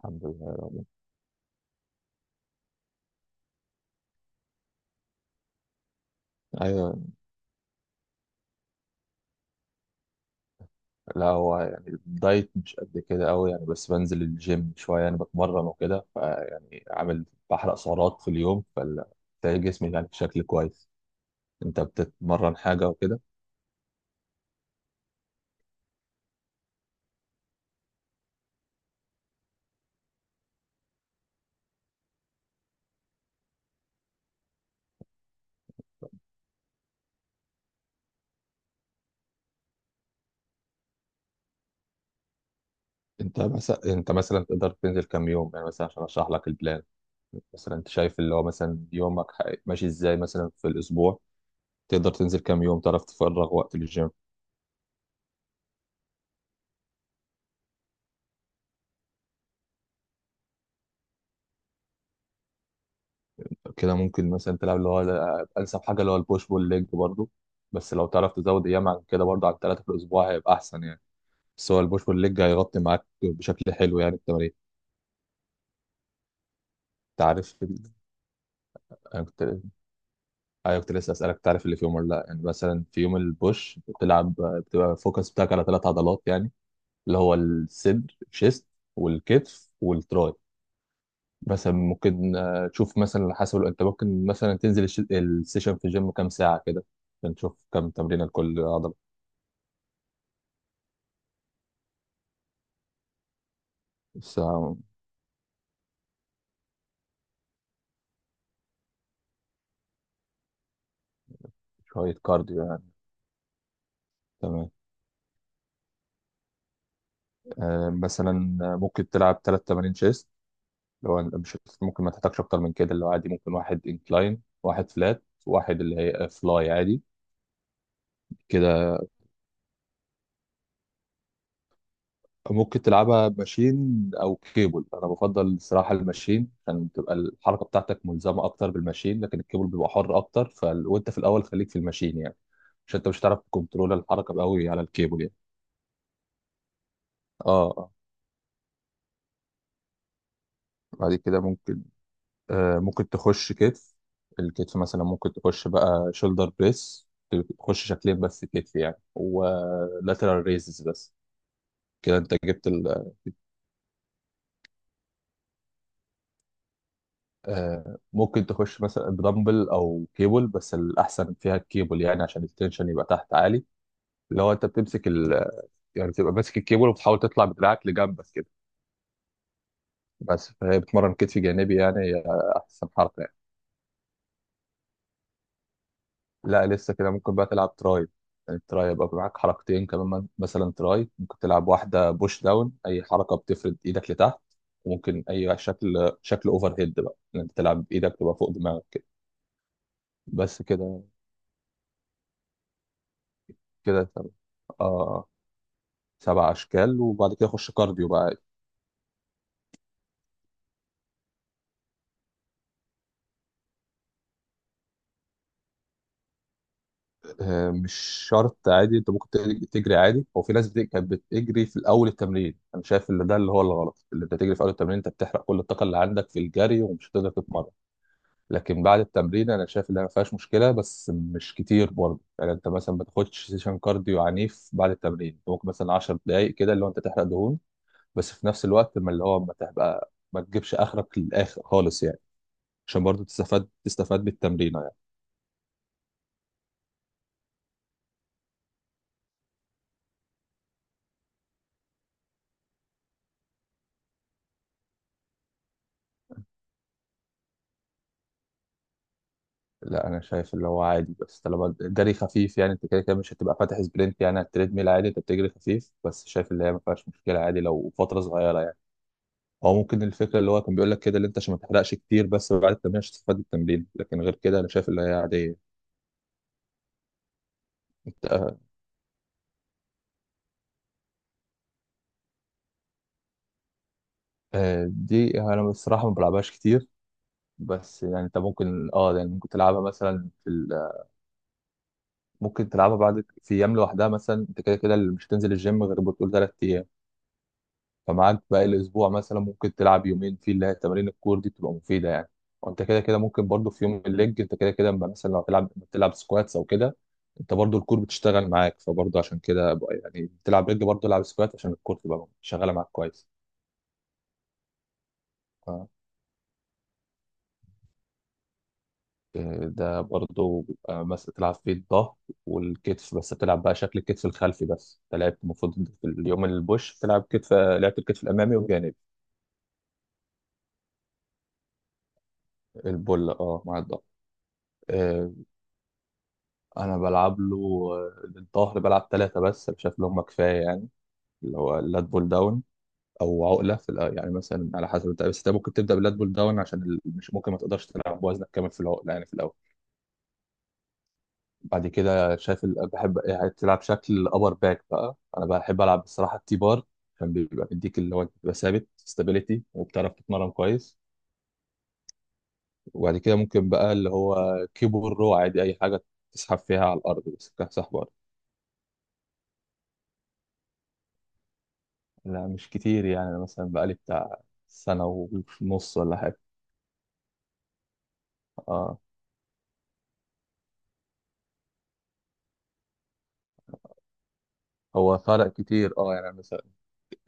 الحمد لله. ايوه. لا، هو يعني الدايت مش قد كده قوي يعني، بس بنزل الجيم شويه يعني بتمرن وكده، فيعني عامل بحرق سعرات في اليوم، فبتلاقي جسمي يعني بشكل كويس. انت بتتمرن حاجه وكده؟ انت مثلا تقدر تنزل كام يوم يعني، مثلا عشان اشرح لك البلان. مثلا انت شايف اللي هو مثلا يومك ماشي ازاي مثلا في الاسبوع، تقدر تنزل كام يوم تعرف تفرغ وقت للجيم؟ كده ممكن مثلا تلعب اللي هو انسب حاجه اللي هو البوش بول ليج برضه، بس لو تعرف تزود ايام عن كده برضه عن 3 في الاسبوع هيبقى احسن يعني. بس هو البوش بول ليج هيغطي معاك بشكل حلو يعني التمارين. تعرف انا كنت ايوه، كنت لسه اسالك تعرف اللي في يوم ولا لا. يعني مثلا في يوم البوش بتلعب، بتبقى الفوكس بتاعك على 3 عضلات يعني، اللي هو الصدر الشيست والكتف والتراي. مثلا ممكن تشوف مثلا حسب انت، ممكن مثلا تنزل السيشن في الجيم كام ساعه كده، عشان تشوف كام تمرينه لكل عضله. ساعة. شوية كارديو يعني. تمام. مثلا ممكن تلعب تلات تمارين شيست، اللي هو مش ممكن ما تحتاجش أكتر من كده. اللي هو عادي ممكن واحد انكلاين واحد فلات واحد اللي هي فلاي عادي. كده ممكن تلعبها ماشين أو كيبل. أنا بفضل الصراحة الماشين عشان تبقى الحركة بتاعتك ملزمة أكتر بالماشين، لكن الكيبل بيبقى حر أكتر. وأنت في الأول خليك في الماشين يعني، عشان أنت مش هتعرف تكنترول الحركة أوي على الكيبل يعني. اه. آه. بعد كده ممكن تخش كتف. الكتف مثلا ممكن تخش بقى شولدر بريس. تخش شكلين بس كتف يعني، ولاترال ريزز بس. كده انت جبت. ممكن تخش مثلا بدمبل او كيبل، بس الاحسن فيها الكيبل يعني عشان التنشن يبقى تحت عالي. اللي هو انت بتمسك. يعني بتبقى ماسك الكيبل وبتحاول تطلع بدراعك لجنبك كده. بس فهي بتمرن كتف جانبي يعني، هي احسن حركه. لا، لسه كده ممكن بقى تلعب تراي. يعني التراي يبقى معاك حركتين كمان مثلا تراي ممكن تلعب واحدة بوش داون، أي حركة بتفرد إيدك لتحت. وممكن أي شكل أوفر هيد بقى، إن أنت تلعب بإيدك تبقى فوق دماغك كده. بس كده. كده تمام. آه. سبع أشكال وبعد كده خش كارديو بقى. مش شرط. عادي أنت ممكن تجري عادي. هو في ناس كانت بتجري في الأول التمرين، أنا شايف إن ده اللي هو الغلط، اللي أنت تجري في أول التمرين أنت بتحرق كل الطاقة اللي عندك في الجري ومش هتقدر تتمرن. لكن بعد التمرين انا شايف انها ما فيهاش مشكله، بس مش كتير برضه يعني. انت مثلا ما تاخدش سيشن كارديو عنيف بعد التمرين، أنت ممكن مثلا 10 دقائق كده اللي هو انت تحرق دهون، بس في نفس الوقت ما اللي هو ما تبقى ما تجيبش اخرك للاخر خالص يعني، عشان برضه تستفاد بالتمرين يعني. لا، انا شايف اللي هو عادي بس طالما الجري خفيف يعني. انت كده كده مش هتبقى فاتح سبرنت يعني على التريدميل، عادي انت بتجري خفيف، بس شايف اللي هي ما فيهاش مشكله، عادي لو فتره صغيره يعني. او ممكن الفكره اللي هو كان بيقول لك كده، اللي انت عشان ما تحرقش كتير بس بعد التمرين عشان تستفاد التمرين، لكن غير كده انا شايف اللي هي عاديه. انت آه، دي انا بصراحه ما بلعبهاش كتير. بس يعني انت ممكن اه يعني ممكن تلعبها مثلا في. ممكن تلعبها بعد في ايام لوحدها. مثلا انت كده كده اللي مش هتنزل الجيم غير بتقول 3 ايام، فمعاك باقي الاسبوع مثلا ممكن تلعب يومين فيه اللي هي تمارين الكور دي، بتبقى مفيده يعني. وانت كده كده ممكن برضو في يوم الليج، انت كده كده اما مثلا لو تلعب سكواتس او كده، انت برضو الكور بتشتغل معاك. فبرضو عشان كده بقى يعني بتلعب رجل، برضو العب سكوات عشان الكور تبقى شغاله معاك كويس. ف- ده برضو بيبقى مثلا تلعب فيه الظهر والكتف، بس بتلعب بقى شكل الكتف الخلفي بس. انت لعبت المفروض في اليوم البوش بتلعب كتف، لعبت الكتف الامامي والجانبي. البول اه، مع الظهر. آه، انا بلعب له الظهر، بلعب 3 بس أنا شايف اللي هم كفاية يعني. اللي هو اللات بول داون او عقلة في يعني مثلا على حسب انت. بس انت ممكن تبدأ باللات بول داون عشان مش ممكن ما تقدرش تلعب بوزنك كامل في العقلة يعني في الاول. بعد كده شايف بحب يعني تلعب شكل ابر باك بقى. انا بحب العب الصراحة التي بار عشان بيبقى مديك، اللي هو أنت بتبقى ثابت ستابيليتي وبتعرف تتمرن كويس. وبعد كده ممكن بقى اللي هو كيبورو عادي، اي حاجة تسحب فيها على الارض بس كسحب. لا، مش كتير يعني. أنا مثلا بقالي بتاع سنة ونص ولا حاجة. اه. هو فرق كتير اه يعني، مثلا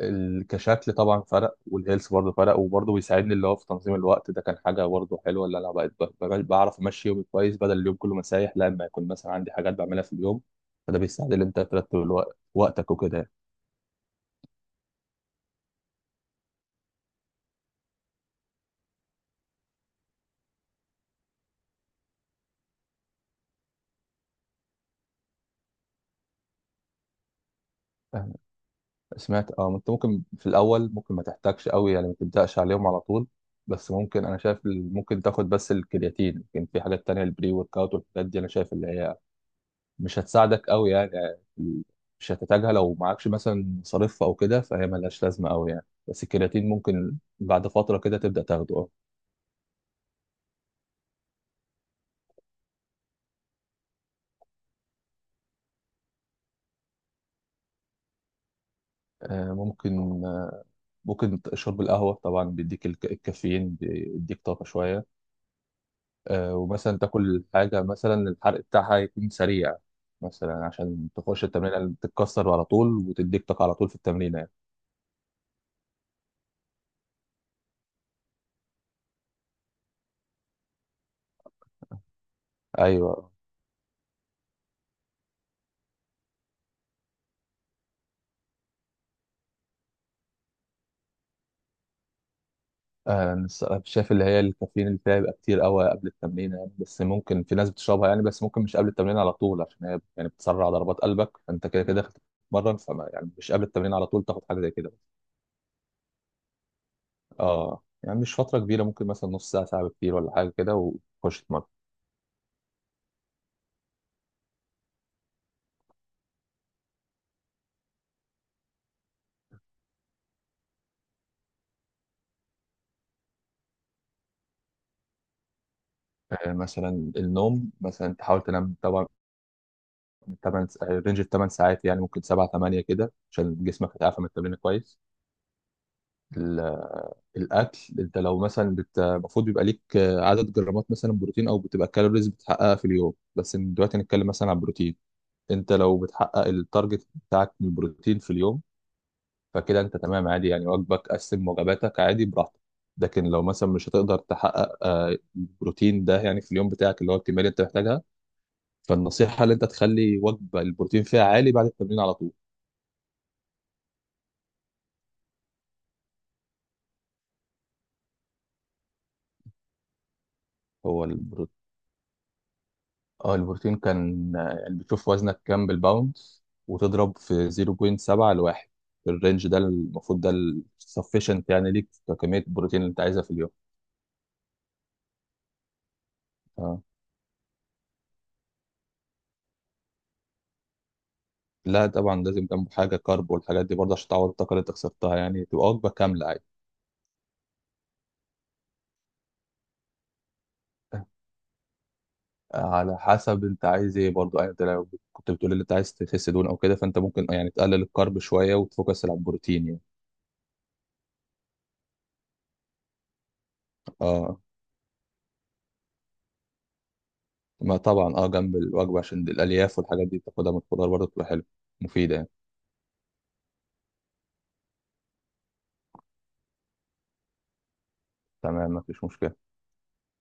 كشكل طبعا فرق، والهيلث برضه فرق، وبرضه بيساعدني اللي هو في تنظيم الوقت. ده كان حاجة برضه حلوة، اللي أنا بقيت بعرف أمشي يومي كويس بدل اليوم كله مسايح لما يكون مثلا عندي حاجات بعملها في اليوم. فده بيساعد إن أنت ترتب وقتك وكده يعني. سمعت اه. انت ممكن في الاول ممكن ما تحتاجش قوي يعني، ما تبداش عليهم على طول. بس ممكن انا شايف ممكن تاخد بس الكرياتين، لكن في حاجات تانية البري ورك اوت والحاجات دي انا شايف اللي هي مش هتساعدك قوي يعني مش هتحتاجها لو معكش مثلا مصاريف او كده، فهي ملهاش لازمه قوي يعني، بس الكرياتين ممكن بعد فتره كده تبدا تاخده اه. آه، ممكن آه، ممكن شرب القهوه طبعا، بيديك الكافيين، بيديك طاقه شويه. ومثلا تاكل حاجة مثلا الحرق بتاعها يكون سريع، مثلا عشان تخش التمرينة اللي بتتكسر على طول وتديك طاقة على طول في التمرينة يعني. أيوة. أنا الصراحة شايف اللي هي الكافيين اللي فيها بيبقى كتير قوي قبل التمرين يعني، بس ممكن في ناس بتشربها يعني، بس ممكن مش قبل التمرين على طول عشان هي يعني بتسرع ضربات قلبك، فأنت كده كده داخل تتمرن، فما يعني مش قبل التمرين على طول تاخد حاجة زي كده. اه، يعني مش فترة كبيرة، ممكن مثلا نص ساعة ساعة كتير ولا حاجة كده، وتخش تتمرن. مثلا النوم مثلا تحاول تنام طبعا تمن، رينج التمن ساعات يعني، ممكن 7 8 كده عشان جسمك يتعافى من التمرين كويس. ال- الاكل انت لو مثلا المفروض بيبقى ليك عدد جرامات مثلا بروتين او بتبقى كالوريز بتحققها في اليوم. بس دلوقتي نتكلم مثلا عن البروتين. انت لو بتحقق التارجت بتاعك من البروتين في اليوم، فكده انت تمام عادي يعني، وجبك قسم وجباتك عادي براحتك. لكن لو مثلا مش هتقدر تحقق البروتين ده يعني في اليوم بتاعك، اللي هو الكميه اللي انت محتاجها، فالنصيحه اللي انت تخلي وجبه البروتين فيها عالي بعد التمرين على طول. هو البروتين اه البروتين كان يعني بتشوف وزنك كام بالباوندز، وتضرب في 0.7 لواحد. الرينج ده المفروض ده السفشنت يعني ليك كمية البروتين اللي انت عايزها في اليوم. اه. لا طبعا، لازم جنبه حاجة كارب والحاجات دي برضه عشان تعوض الطاقة اللي انت خسرتها يعني، تبقى وجبة كاملة عادي. على حسب انت عايز ايه برضه يعني. انت لو كنت بتقول اللي انت عايز تخس دهون او كده فانت ممكن يعني تقلل الكارب شوية وتفوكس على البروتين يعني. اه. ما طبعا اه، جنب الوجبة عشان الألياف والحاجات دي بتاخدها من الخضار، برضه بتبقى حلوة مفيدة يعني. تمام. مفيش مشكلة.